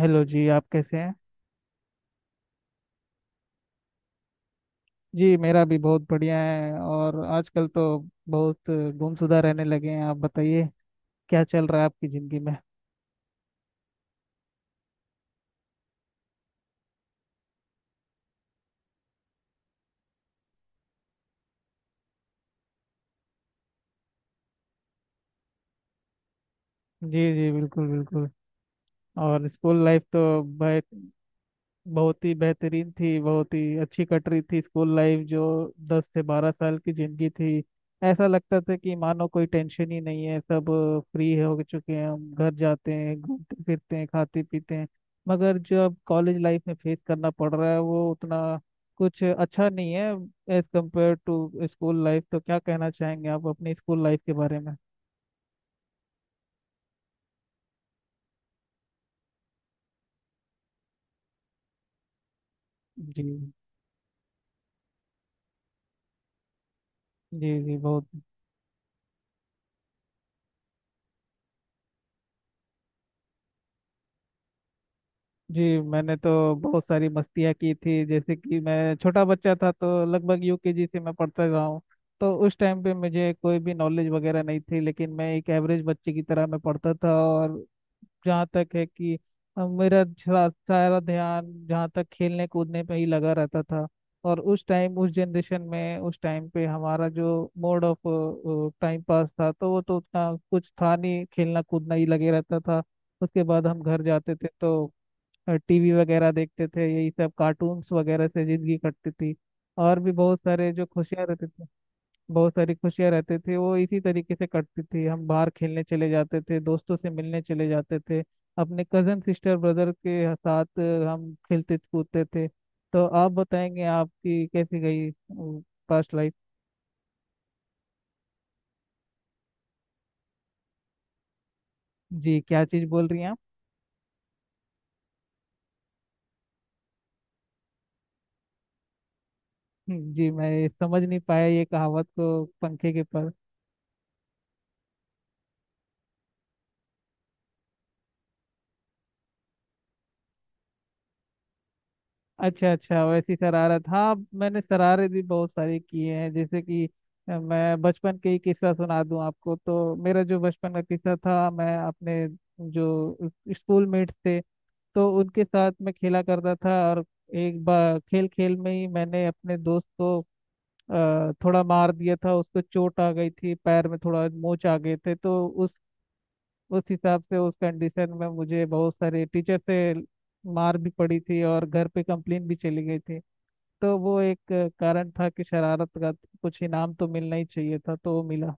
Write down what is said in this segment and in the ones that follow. Hello जी, आप कैसे हैं। जी मेरा भी बहुत बढ़िया है। और आजकल तो बहुत गुमशुदा रहने लगे हैं, आप बताइए क्या चल रहा है आपकी ज़िंदगी में। जी जी, बिल्कुल बिल्कुल। और स्कूल लाइफ तो भाई बहुत ही बेहतरीन थी, बहुत ही अच्छी कट रही थी स्कूल लाइफ, जो 10 से 12 साल की जिंदगी थी। ऐसा लगता था कि मानो कोई टेंशन ही नहीं है, सब फ्री हो चुके हैं, हम घर जाते हैं, घूमते फिरते हैं, खाते पीते हैं। मगर जब कॉलेज लाइफ में फेस करना पड़ रहा है, वो उतना कुछ अच्छा नहीं है as compare to school life. तो क्या कहना चाहेंगे आप अपनी स्कूल लाइफ के बारे में। जी जी जी, बहुत। जी मैंने तो बहुत सारी मस्तियाँ की थी। जैसे कि मैं छोटा बच्चा था, तो लगभग यूकेजी से मैं पढ़ता रहा हूँ। तो उस टाइम पे मुझे कोई भी नॉलेज वगैरह नहीं थी, लेकिन मैं एक एवरेज बच्चे की तरह मैं पढ़ता था। और जहाँ तक है कि मेरा सारा सारा ध्यान जहाँ तक खेलने कूदने पे ही लगा रहता था। और उस टाइम, उस जनरेशन में, उस टाइम पे हमारा जो मोड ऑफ टाइम पास था, तो वो तो उतना कुछ था नहीं, खेलना कूदना ही लगे रहता था। उसके बाद हम घर जाते थे तो टीवी वगैरह देखते थे, यही सब कार्टून्स वगैरह से जिंदगी कटती थी। और भी बहुत सारे जो खुशियाँ रहते थे, बहुत सारी खुशियाँ रहते थे, वो इसी तरीके से कटती थी। हम बाहर खेलने चले जाते थे, दोस्तों से मिलने चले जाते थे, अपने कजन सिस्टर ब्रदर के साथ हम खेलते कूदते थे। तो आप बताएंगे आपकी कैसी गई पास्ट लाइफ। जी क्या चीज़ बोल रही हैं आप। जी मैं समझ नहीं पाया ये कहावत को, पंखे के पर। अच्छा अच्छा, वैसी शरारत। हाँ मैंने शरारत भी बहुत सारी की हैं। जैसे कि मैं बचपन के ही किस्सा सुना दूं आपको। तो मेरा जो बचपन का किस्सा था, मैं अपने जो स्कूल मेट्स थे तो उनके साथ मैं खेला करता था। और एक बार खेल खेल में ही मैंने अपने दोस्त को थोड़ा मार दिया था, उसको चोट आ गई थी, पैर में थोड़ा मोच आ गए थे। तो उस हिसाब से उस कंडीशन में मुझे बहुत सारे टीचर से मार भी पड़ी थी और घर पे कंप्लेन भी चली गई थी। तो वो एक कारण था कि शरारत का कुछ इनाम तो मिलना ही चाहिए था, तो वो मिला।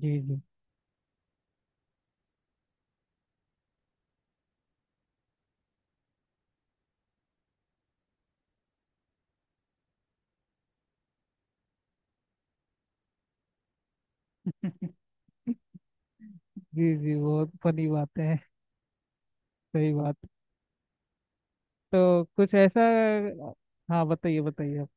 जी जी। जी जी, बहुत फनी बातें हैं। सही बात। तो कुछ ऐसा। हाँ बताइए बताइए आप।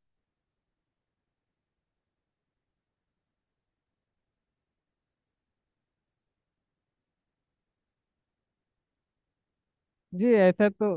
जी ऐसा तो।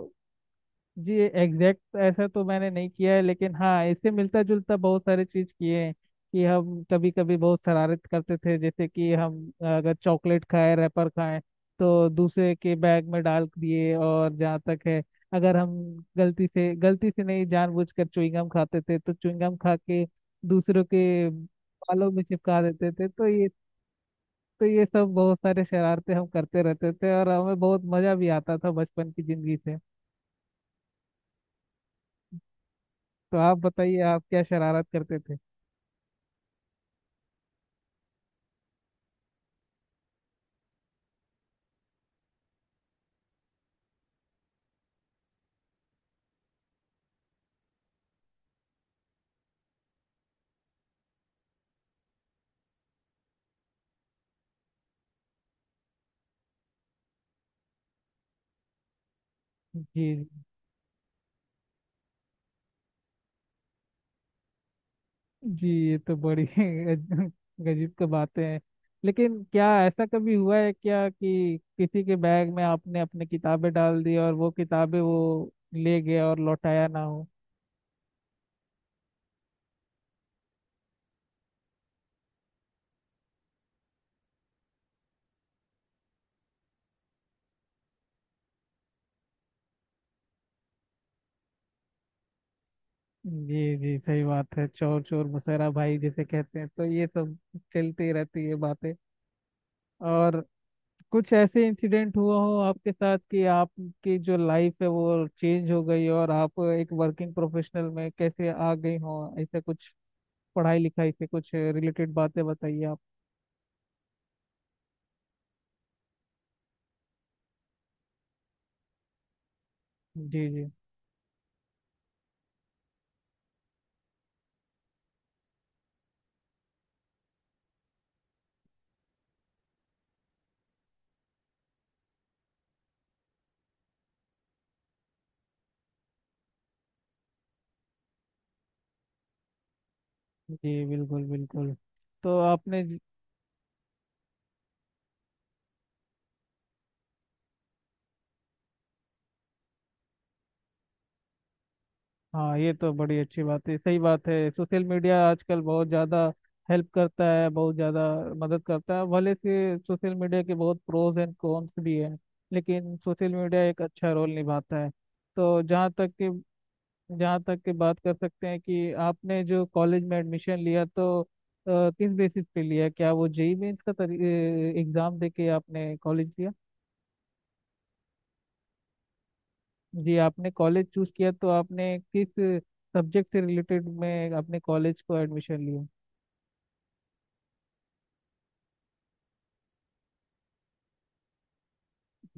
जी एग्जैक्ट ऐसा तो मैंने नहीं किया है, लेकिन हाँ इससे मिलता जुलता बहुत सारे चीज किए हैं। कि हम कभी कभी बहुत शरारत करते थे। जैसे कि हम अगर चॉकलेट खाए, रैपर खाए, तो दूसरे के बैग में डाल दिए। और जहाँ तक है, अगर हम गलती से, गलती से नहीं जानबूझकर च्युइंगम खाते थे, तो च्युइंगम खा के दूसरों के बालों में चिपका देते थे। तो ये, तो ये सब बहुत सारे शरारते हम करते रहते थे और हमें बहुत मजा भी आता था बचपन की जिंदगी से। तो आप बताइए आप क्या शरारत करते थे। जी जी, ये तो बड़ी गजब की बातें हैं। लेकिन क्या ऐसा कभी हुआ है क्या कि किसी के बैग में आपने अपनी किताबें डाल दी और वो किताबें वो ले गया और लौटाया ना हो। जी जी, सही बात है। चोर चोर मुसहरा भाई जिसे कहते हैं, तो ये सब चलती रहती है बातें। और कुछ ऐसे इंसिडेंट हुआ हो आपके साथ कि आपकी जो लाइफ है वो चेंज हो गई और आप एक वर्किंग प्रोफेशनल में कैसे आ गई हो। ऐसा कुछ पढ़ाई लिखाई से कुछ रिलेटेड बातें बताइए आप। जी जी जी, बिल्कुल बिल्कुल। तो आपने ज- हाँ ये तो बड़ी अच्छी बात है, सही बात है। सोशल मीडिया आजकल बहुत ज़्यादा हेल्प करता है, बहुत ज़्यादा मदद करता है। भले से सोशल मीडिया के बहुत प्रोज एंड कॉन्स भी हैं, लेकिन सोशल मीडिया एक अच्छा रोल निभाता है। तो जहाँ तक कि जहाँ तक की बात कर सकते हैं, कि आपने जो कॉलेज में एडमिशन लिया तो किस बेसिस पे लिया, क्या वो जेई मेंस का एग्ज़ाम दे के आपने कॉलेज लिया। जी आपने कॉलेज चूज किया, तो आपने किस सब्जेक्ट से रिलेटेड में अपने कॉलेज को एडमिशन लिया।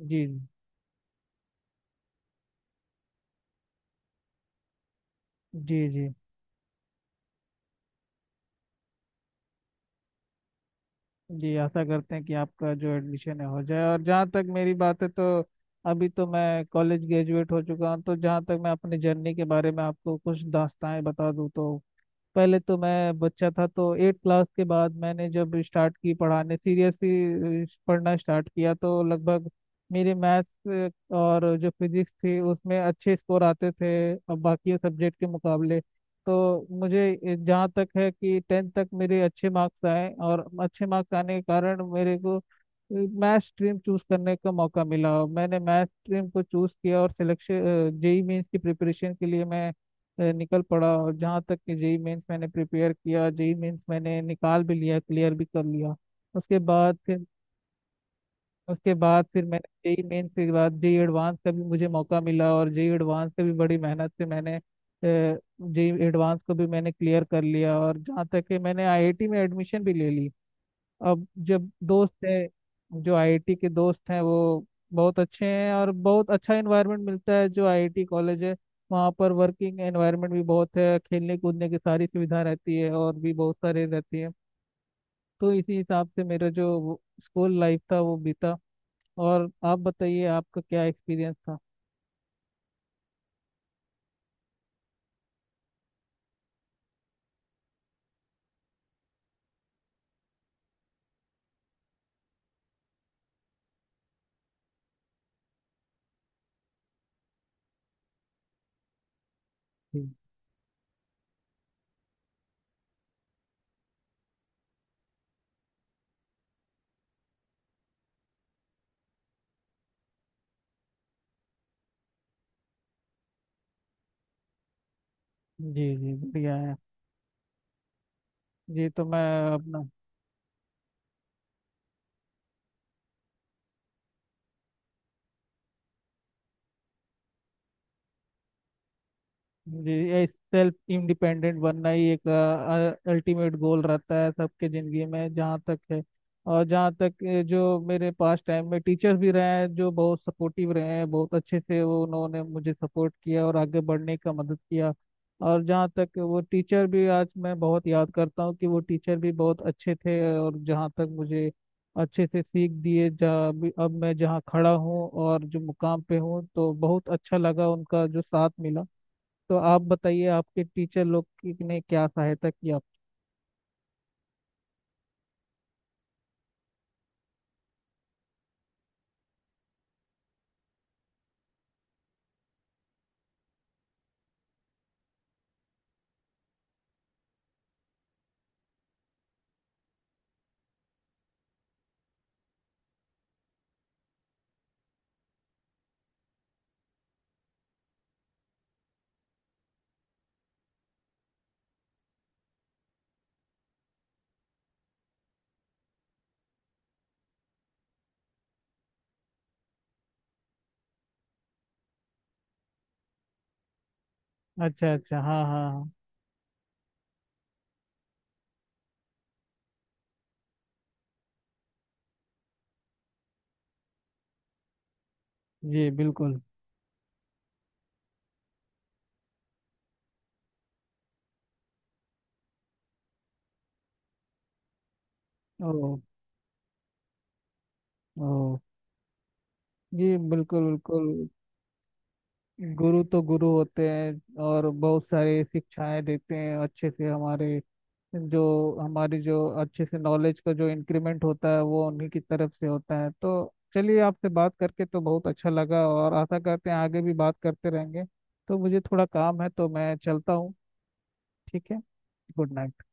जी जी। जी जी आशा करते हैं कि आपका जो एडमिशन है हो जाए। और जहाँ तक मेरी बात है, तो अभी तो मैं कॉलेज ग्रेजुएट हो चुका हूँ। तो जहाँ तक मैं अपनी जर्नी के बारे में आपको कुछ दास्तानें बता दूँ, तो पहले तो मैं बच्चा था, तो एट क्लास के बाद मैंने जब स्टार्ट की पढ़ाने, सीरियसली पढ़ना स्टार्ट किया, तो लगभग मेरे मैथ्स और जो फिजिक्स थी उसमें अच्छे स्कोर आते थे अब बाकी सब्जेक्ट के मुकाबले। तो मुझे जहाँ तक है कि टेंथ तक मेरे अच्छे मार्क्स आए, और अच्छे मार्क्स आने के कारण मेरे को मैथ स्ट्रीम चूज करने का मौका मिला। मैंने मैथ स्ट्रीम को चूज किया, और सिलेक्शन जेई मेंस की प्रिपरेशन के लिए मैं निकल पड़ा। और जहाँ तक कि जेई मेंस मैंने प्रिपेयर किया, जेई मेंस मैंने निकाल भी लिया, क्लियर भी कर लिया। उसके बाद फिर उसके बाद फिर मैंने जेई मेंस के बाद जेई एडवांस का भी मुझे मौका मिला। और जेई एडवांस का भी बड़ी मेहनत से मैंने जेई एडवांस को भी मैंने क्लियर कर लिया, और जहाँ तक कि मैंने आईआईटी में एडमिशन भी ले ली। अब जब दोस्त है, जो आईआईटी के दोस्त हैं, वो बहुत अच्छे हैं। और बहुत अच्छा एनवायरनमेंट मिलता है जो आईआईटी कॉलेज है, वहाँ पर वर्किंग एनवायरनमेंट भी बहुत है, खेलने कूदने की सारी सुविधा रहती है और भी बहुत सारे रहती है। तो इसी हिसाब से मेरा जो स्कूल लाइफ था वो बीता। और आप बताइए आपका क्या एक्सपीरियंस था। जी जी, जी, बढ़िया है। जी तो मैं अपना। जी सेल्फ इंडिपेंडेंट बनना ही एक अल्टीमेट गोल रहता है सबके ज़िंदगी में जहाँ तक है। और जहाँ तक जो मेरे पास टाइम में टीचर्स भी रहे हैं जो बहुत सपोर्टिव रहे हैं बहुत अच्छे से, वो उन्होंने मुझे सपोर्ट किया और आगे बढ़ने का मदद किया। और जहाँ तक वो टीचर भी आज मैं बहुत याद करता हूँ, कि वो टीचर भी बहुत अच्छे थे और जहाँ तक मुझे अच्छे से सीख दिए, जहाँ भी अब मैं जहाँ खड़ा हूँ और जो मुकाम पे हूँ, तो बहुत अच्छा लगा उनका जो साथ मिला। तो आप बताइए आपके टीचर ने क्या सहायता की आप। अच्छा अच्छा, हाँ हाँ हाँ, जी बिल्कुल। ओ, ओ, जी बिल्कुल बिल्कुल। गुरु तो गुरु होते हैं और बहुत सारी शिक्षाएं देते हैं अच्छे से। हमारे जो, हमारी जो अच्छे से नॉलेज का जो इंक्रीमेंट होता है, वो उन्हीं की तरफ से होता है। तो चलिए, आपसे बात करके तो बहुत अच्छा लगा और आशा करते हैं आगे भी बात करते रहेंगे। तो मुझे थोड़ा काम है, तो मैं चलता हूँ। ठीक है, गुड नाइट।